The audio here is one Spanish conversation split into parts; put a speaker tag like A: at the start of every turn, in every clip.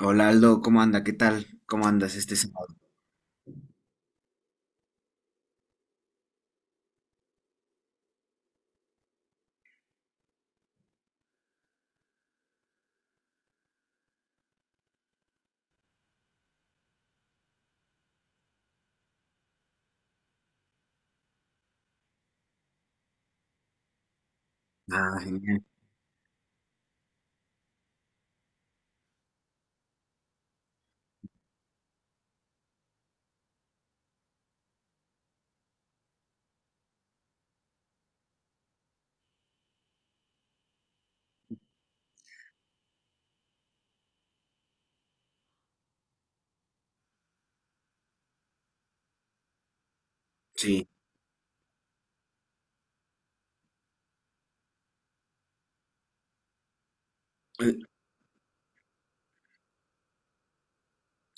A: Hola Aldo, ¿cómo anda? ¿Qué tal? ¿Cómo andas este sábado? Ah, genial. Sí.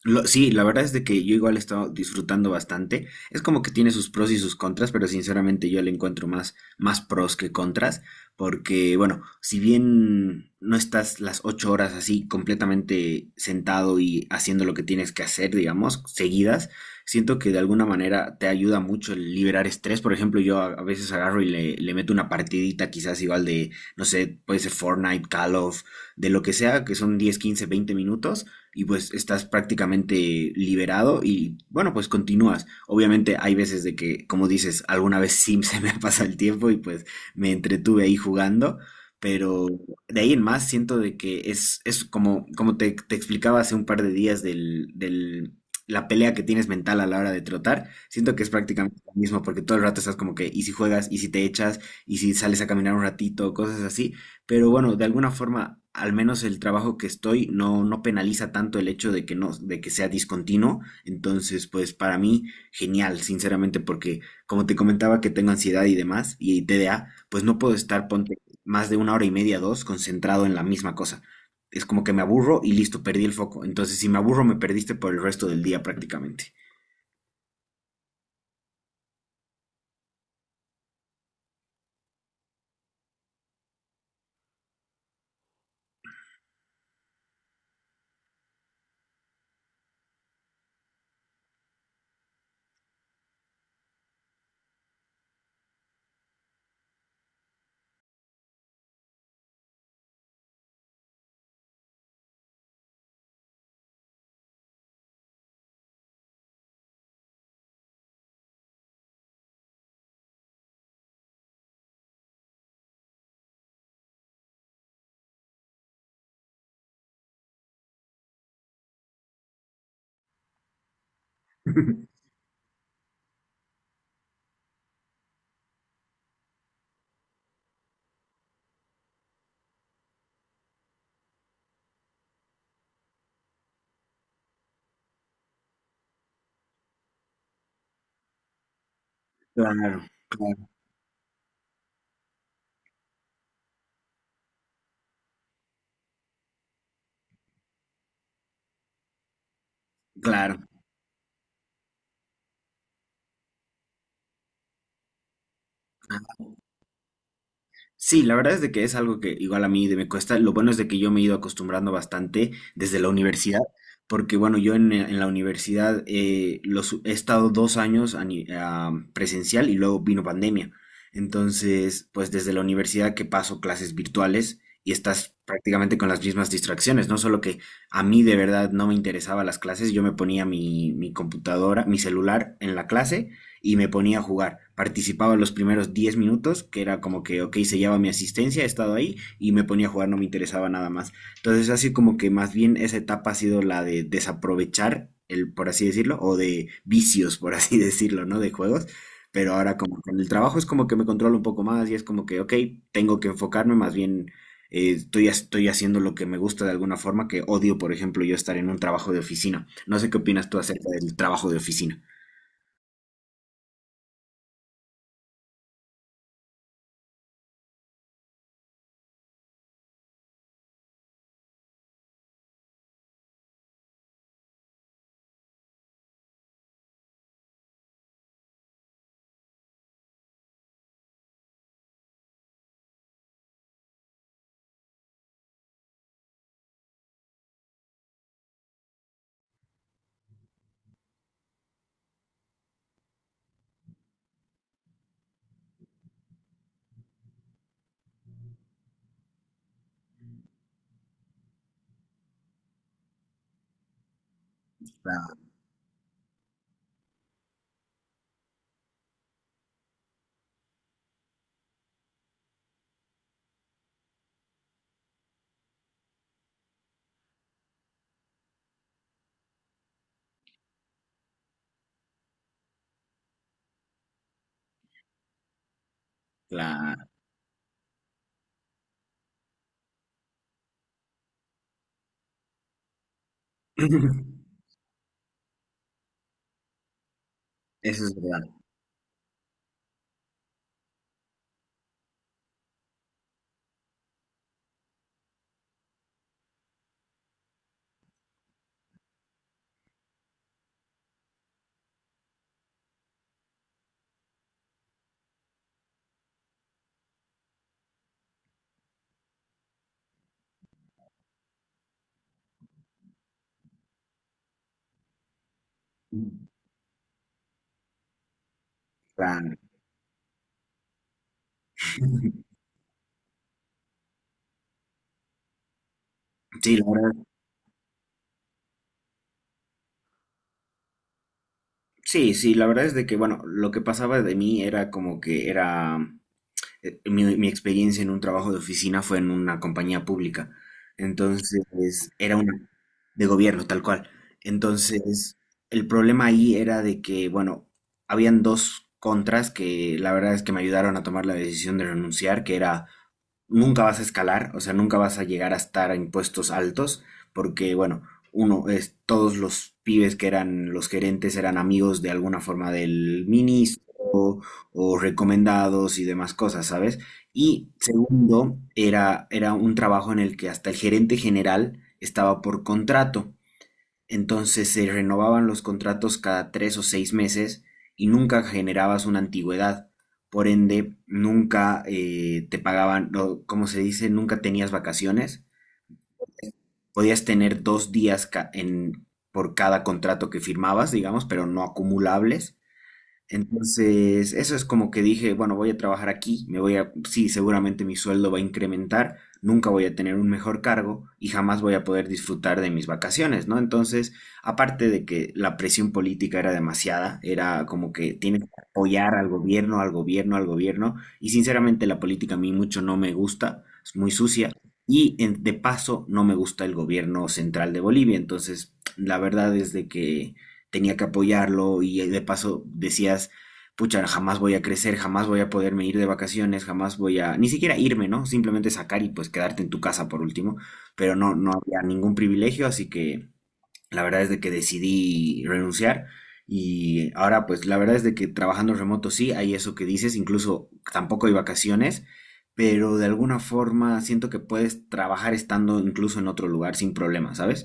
A: Sí, la verdad es de que yo igual he estado disfrutando bastante. Es como que tiene sus pros y sus contras, pero sinceramente yo le encuentro más pros que contras, porque bueno, si bien no estás las 8 horas así completamente sentado y haciendo lo que tienes que hacer, digamos, seguidas, siento que de alguna manera te ayuda mucho el liberar estrés. Por ejemplo, yo a veces agarro y le meto una partidita quizás igual de, no sé, puede ser Fortnite, Call of, de lo que sea, que son 10 15 20 minutos y pues estás prácticamente liberado y bueno, pues continúas. Obviamente hay veces de que, como dices, alguna vez sí se me pasa el tiempo y pues me entretuve ahí jugando, pero de ahí en más siento de que es como, te explicaba hace un par de días del la pelea que tienes mental a la hora de trotar, siento que es prácticamente lo mismo porque todo el rato estás como que, y si juegas, y si te echas, y si sales a caminar un ratito, cosas así. Pero bueno, de alguna forma, al menos el trabajo que estoy no penaliza tanto el hecho de que no, de que sea discontinuo. Entonces, pues para mí, genial, sinceramente, porque como te comentaba que tengo ansiedad y demás, y TDA, pues no puedo estar, ponte, más de 1 hora y media, dos, concentrado en la misma cosa. Es como que me aburro y listo, perdí el foco. Entonces, si me aburro, me perdiste por el resto del día prácticamente. Claro, claro, claro. Sí, la verdad es de que es algo que igual a mí me cuesta. Lo bueno es de que yo me he ido acostumbrando bastante desde la universidad, porque bueno, yo en la universidad los, he estado 2 años a ni- a presencial y luego vino pandemia. Entonces, pues desde la universidad que paso clases virtuales y estás prácticamente con las mismas distracciones, no solo que a mí de verdad no me interesaban las clases, yo me ponía mi computadora, mi celular en la clase y me ponía a jugar. Participaba los primeros 10 minutos, que era como que, ok, se lleva mi asistencia, he estado ahí y me ponía a jugar, no me interesaba nada más. Entonces, así como que más bien esa etapa ha sido la de desaprovechar, el, por así decirlo, o de vicios, por así decirlo, ¿no? De juegos. Pero ahora como con el trabajo es como que me controlo un poco más y es como que, ok, tengo que enfocarme más bien. Estoy, estoy haciendo lo que me gusta de alguna forma que odio, por ejemplo, yo estar en un trabajo de oficina. No sé qué opinas tú acerca del trabajo de oficina. Claro. Eso es verdad. Claro. Sí, la verdad, sí, sí, la verdad es de que, bueno, lo que pasaba de mí era como que era mi experiencia en un trabajo de oficina fue en una compañía pública. Entonces, era una de gobierno, tal cual. Entonces, el problema ahí era de que, bueno, habían dos contras que la verdad es que me ayudaron a tomar la decisión de renunciar, que era nunca vas a escalar, o sea, nunca vas a llegar a estar a impuestos altos, porque, bueno, uno es todos los pibes que eran los gerentes eran amigos de alguna forma del ministro, o recomendados y demás cosas, ¿sabes? Y segundo, era un trabajo en el que hasta el gerente general estaba por contrato. Entonces se renovaban los contratos cada 3 o 6 meses y nunca generabas una antigüedad. Por ende, nunca te pagaban, no, como se dice, nunca tenías vacaciones. Podías tener 2 días por cada contrato que firmabas, digamos, pero no acumulables. Entonces, eso es como que dije, bueno, voy a trabajar aquí, me voy a, sí, seguramente mi sueldo va a incrementar, nunca voy a tener un mejor cargo y jamás voy a poder disfrutar de mis vacaciones, ¿no? Entonces, aparte de que la presión política era demasiada, era como que tienes que apoyar al gobierno, al gobierno, al gobierno, y sinceramente la política a mí mucho no me gusta, es muy sucia, y de paso no me gusta el gobierno central de Bolivia, entonces, la verdad es de que tenía que apoyarlo y de paso decías, pucha, jamás voy a crecer, jamás voy a poderme ir de vacaciones, jamás voy a, ni siquiera irme, ¿no? Simplemente sacar y pues quedarte en tu casa por último, pero no había ningún privilegio, así que la verdad es de que decidí renunciar y ahora pues la verdad es de que trabajando remoto sí, hay eso que dices, incluso tampoco hay vacaciones. Pero de alguna forma siento que puedes trabajar estando incluso en otro lugar sin problema, ¿sabes?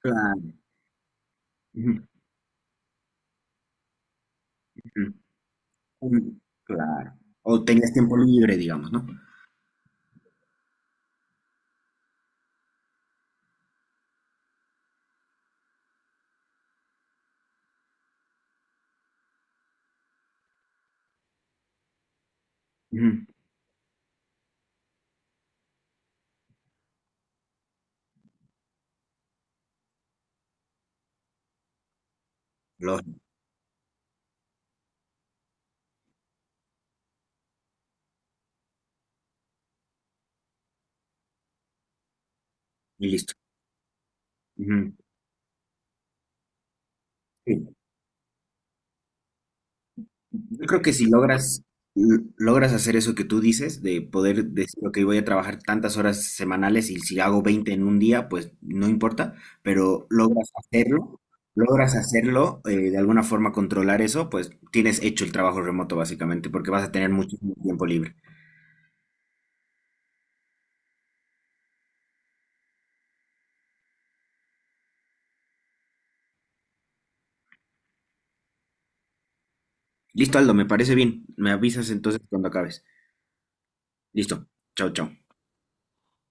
A: Claro. Ujú, ujú. Mm, claro. O tenías tiempo libre, digamos, ¿no? Ujú. Lógico. Y listo. Ujú. Sí. Yo creo que si logras, logras hacer eso que tú dices, de poder decir, ok, voy a trabajar tantas horas semanales y si hago 20 en un día, pues no importa, pero logras hacerlo, de alguna forma controlar eso, pues tienes hecho el trabajo remoto básicamente, porque vas a tener muchísimo tiempo libre. Listo, Aldo, me parece bien. Me avisas entonces cuando acabes. Listo. Chao, chao.